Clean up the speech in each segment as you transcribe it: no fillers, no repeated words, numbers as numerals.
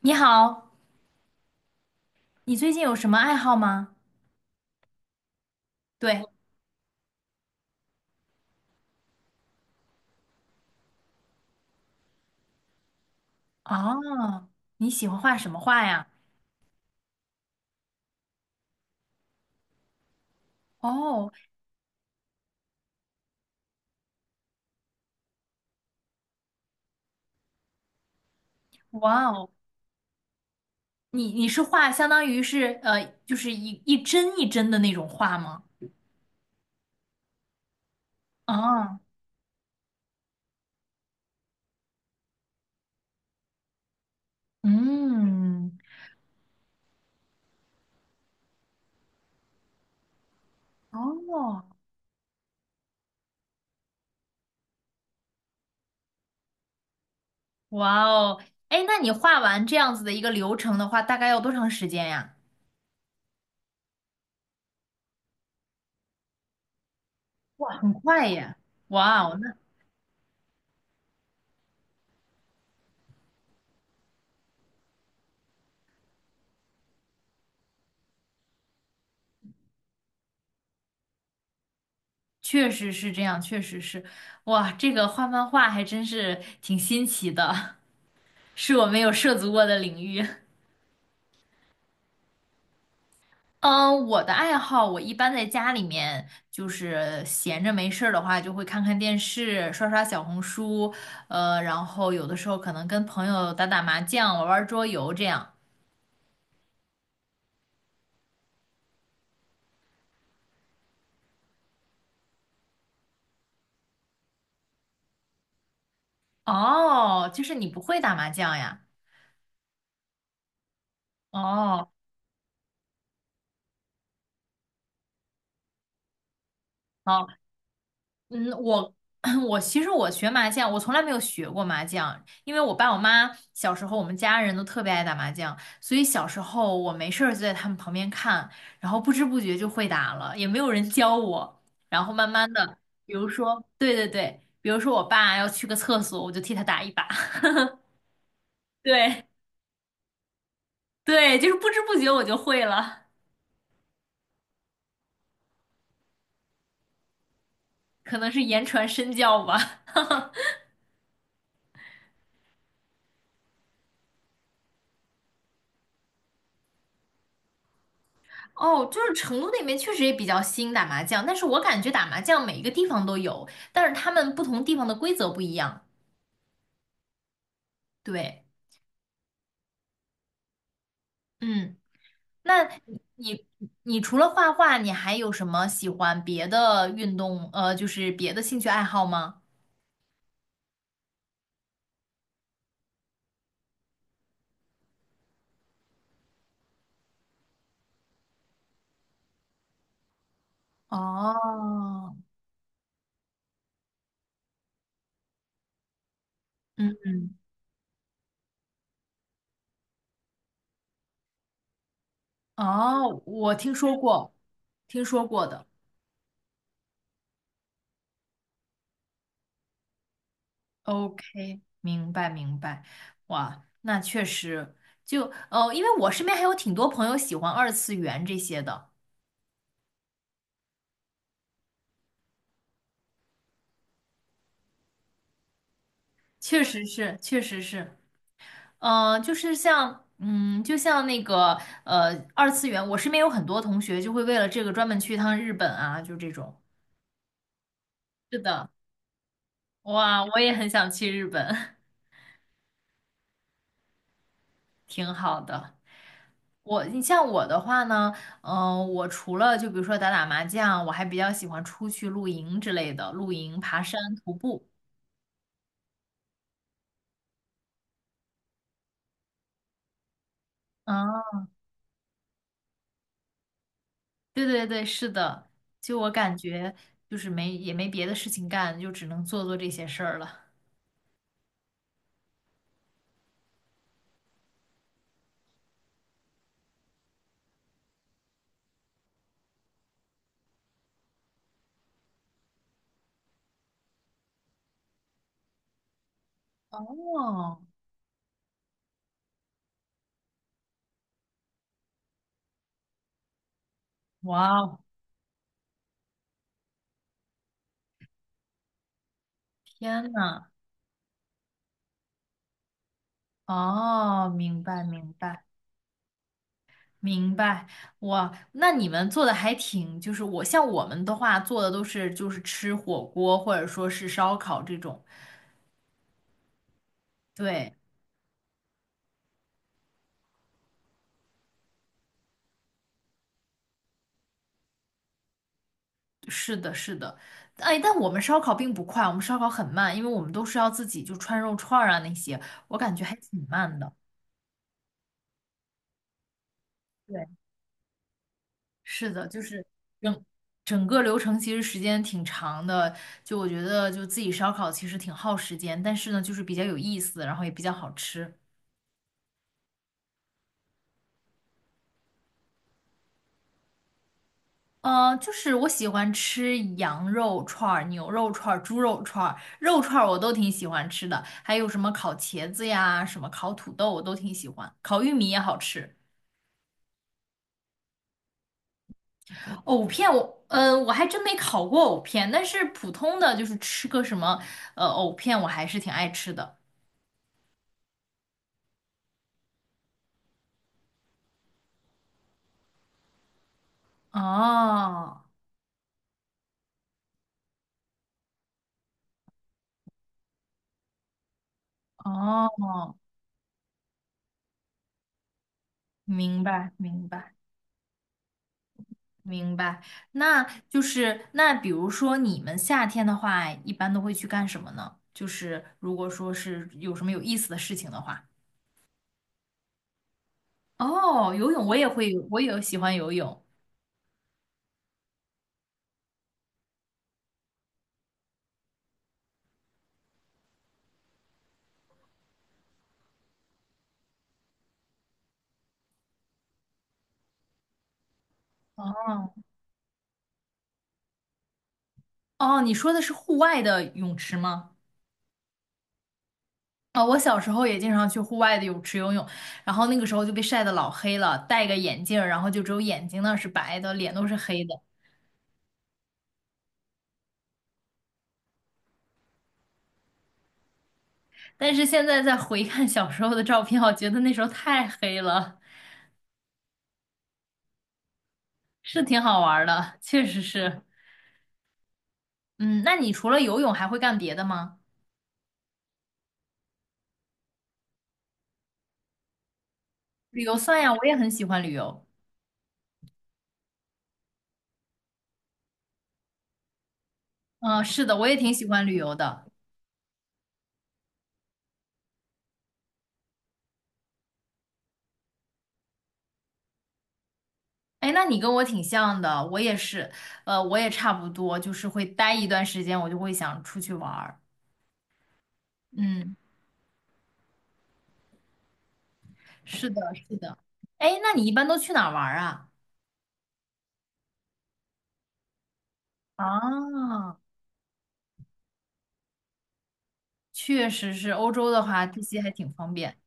你好，你最近有什么爱好吗？对。哦，你喜欢画什么画呀？哦。哇哦，你是画相当于是就是一帧一帧的那种画吗？啊。嗯。哦。哇哦，哎，那你画完这样子的一个流程的话，大概要多长时间呀？哇，很快耶！哇哦，那确实是这样，确实是。哇，这个画漫画还真是挺新奇的，是我没有涉足过的领域。嗯，我的爱好，我一般在家里面就是闲着没事儿的话，就会看看电视，刷刷小红书，然后有的时候可能跟朋友打打麻将，玩玩桌游这样。哦，就是你不会打麻将呀？哦。好。嗯，我 我其实学麻将，我从来没有学过麻将，因为我爸我妈小时候我们家人都特别爱打麻将，所以小时候我没事儿就在他们旁边看，然后不知不觉就会打了，也没有人教我，然后慢慢的，比如说，对对对，比如说我爸要去个厕所，我就替他打一把，对对，就是不知不觉我就会了，可能是言传身教吧。哦，就是成都那边确实也比较兴打麻将，但是我感觉打麻将每一个地方都有，但是他们不同地方的规则不一样。对。嗯，那你你除了画画，你还有什么喜欢别的运动？就是别的兴趣爱好吗？哦。嗯。哦，我听说过，听说过的。OK，明白明白。哇，那确实，就因为我身边还有挺多朋友喜欢二次元这些的。确实是，确实是。嗯，就是像，嗯，就像那个，二次元，我身边有很多同学就会为了这个专门去一趟日本啊，就这种。是的。哇，我也很想去日本。挺好的。我，你像我的话呢，嗯、我除了就比如说打打麻将，我还比较喜欢出去露营之类的，露营、爬山、徒步。啊，对对对，是的，就我感觉就是没也没别的事情干，就只能做做这些事儿了。哦。哇哦，天呐！哦，明白明白明白。哇，那你们做的还挺，就是我像我们的话做的都是就是吃火锅或者说是烧烤这种。对，是的是的，哎，但我们烧烤并不快，我们烧烤很慢，因为我们都是要自己就串肉串儿啊那些，我感觉还挺慢的。对是的，就是整整个流程其实时间挺长的，就我觉得就自己烧烤其实挺耗时间，但是呢就是比较有意思，然后也比较好吃。就是我喜欢吃羊肉串儿、牛肉串儿、猪肉串儿、肉串儿我都挺喜欢吃的，还有什么烤茄子呀、什么烤土豆我都挺喜欢，烤玉米也好吃。藕片我，嗯我还真没烤过藕片，但是普通的就是吃个什么，藕片我还是挺爱吃的。哦。哦，明白，明白，明白。那就是那，比如说你们夏天的话，一般都会去干什么呢？就是如果说是有什么有意思的事情的话，哦，游泳我也会，我也喜欢游泳。哦哦，你说的是户外的泳池吗？哦，我小时候也经常去户外的泳池游泳，然后那个时候就被晒得老黑了，戴个眼镜儿，然后就只有眼睛那是白的，脸都是黑的。但是现在再回看小时候的照片，我觉得那时候太黑了。是挺好玩儿的，确实是。嗯，那你除了游泳还会干别的吗？旅游算呀，我也很喜欢旅游。嗯，是的，我也挺喜欢旅游的。哎，那你跟我挺像的，我也是，我也差不多，就是会待一段时间，我就会想出去玩儿。嗯，是的，是的。哎，那你一般都去哪儿玩儿啊？啊，确实是，欧洲的话，这些还挺方便。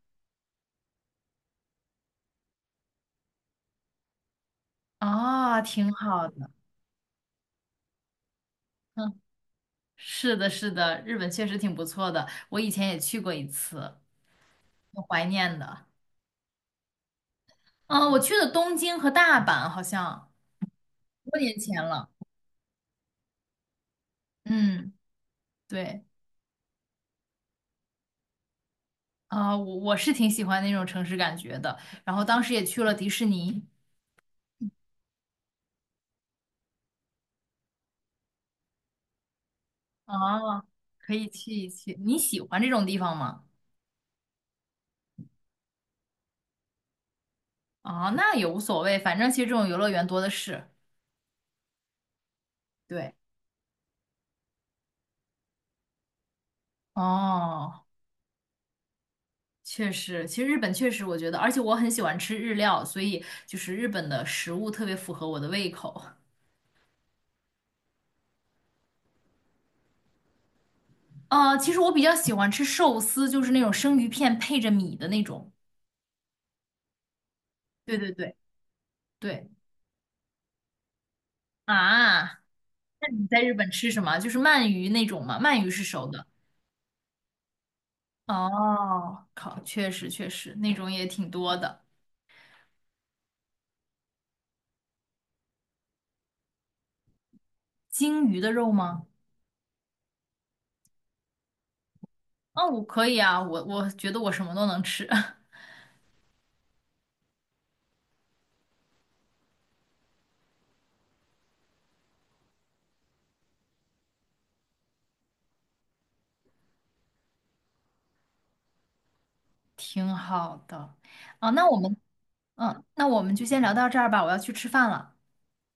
啊，挺好的。嗯是的，是的，日本确实挺不错的，我以前也去过一次，挺怀念的。嗯，我去的东京和大阪，好像多年前了。嗯，对。啊，我是挺喜欢那种城市感觉的，然后当时也去了迪士尼。啊，可以去一去，你喜欢这种地方吗？啊，那也无所谓，反正其实这种游乐园多的是。对。哦，确实，其实日本确实，我觉得，而且我很喜欢吃日料，所以就是日本的食物特别符合我的胃口。其实我比较喜欢吃寿司，就是那种生鱼片配着米的那种。对对对对啊，那你在日本吃什么？就是鳗鱼那种吗？鳗鱼是熟的。哦，靠，确实确实，那种也挺多的。鲸鱼的肉吗？啊，我可以啊，我觉得我什么都能吃，挺好的。啊，那我们就先聊到这儿吧，我要去吃饭了。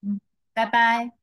嗯，拜拜。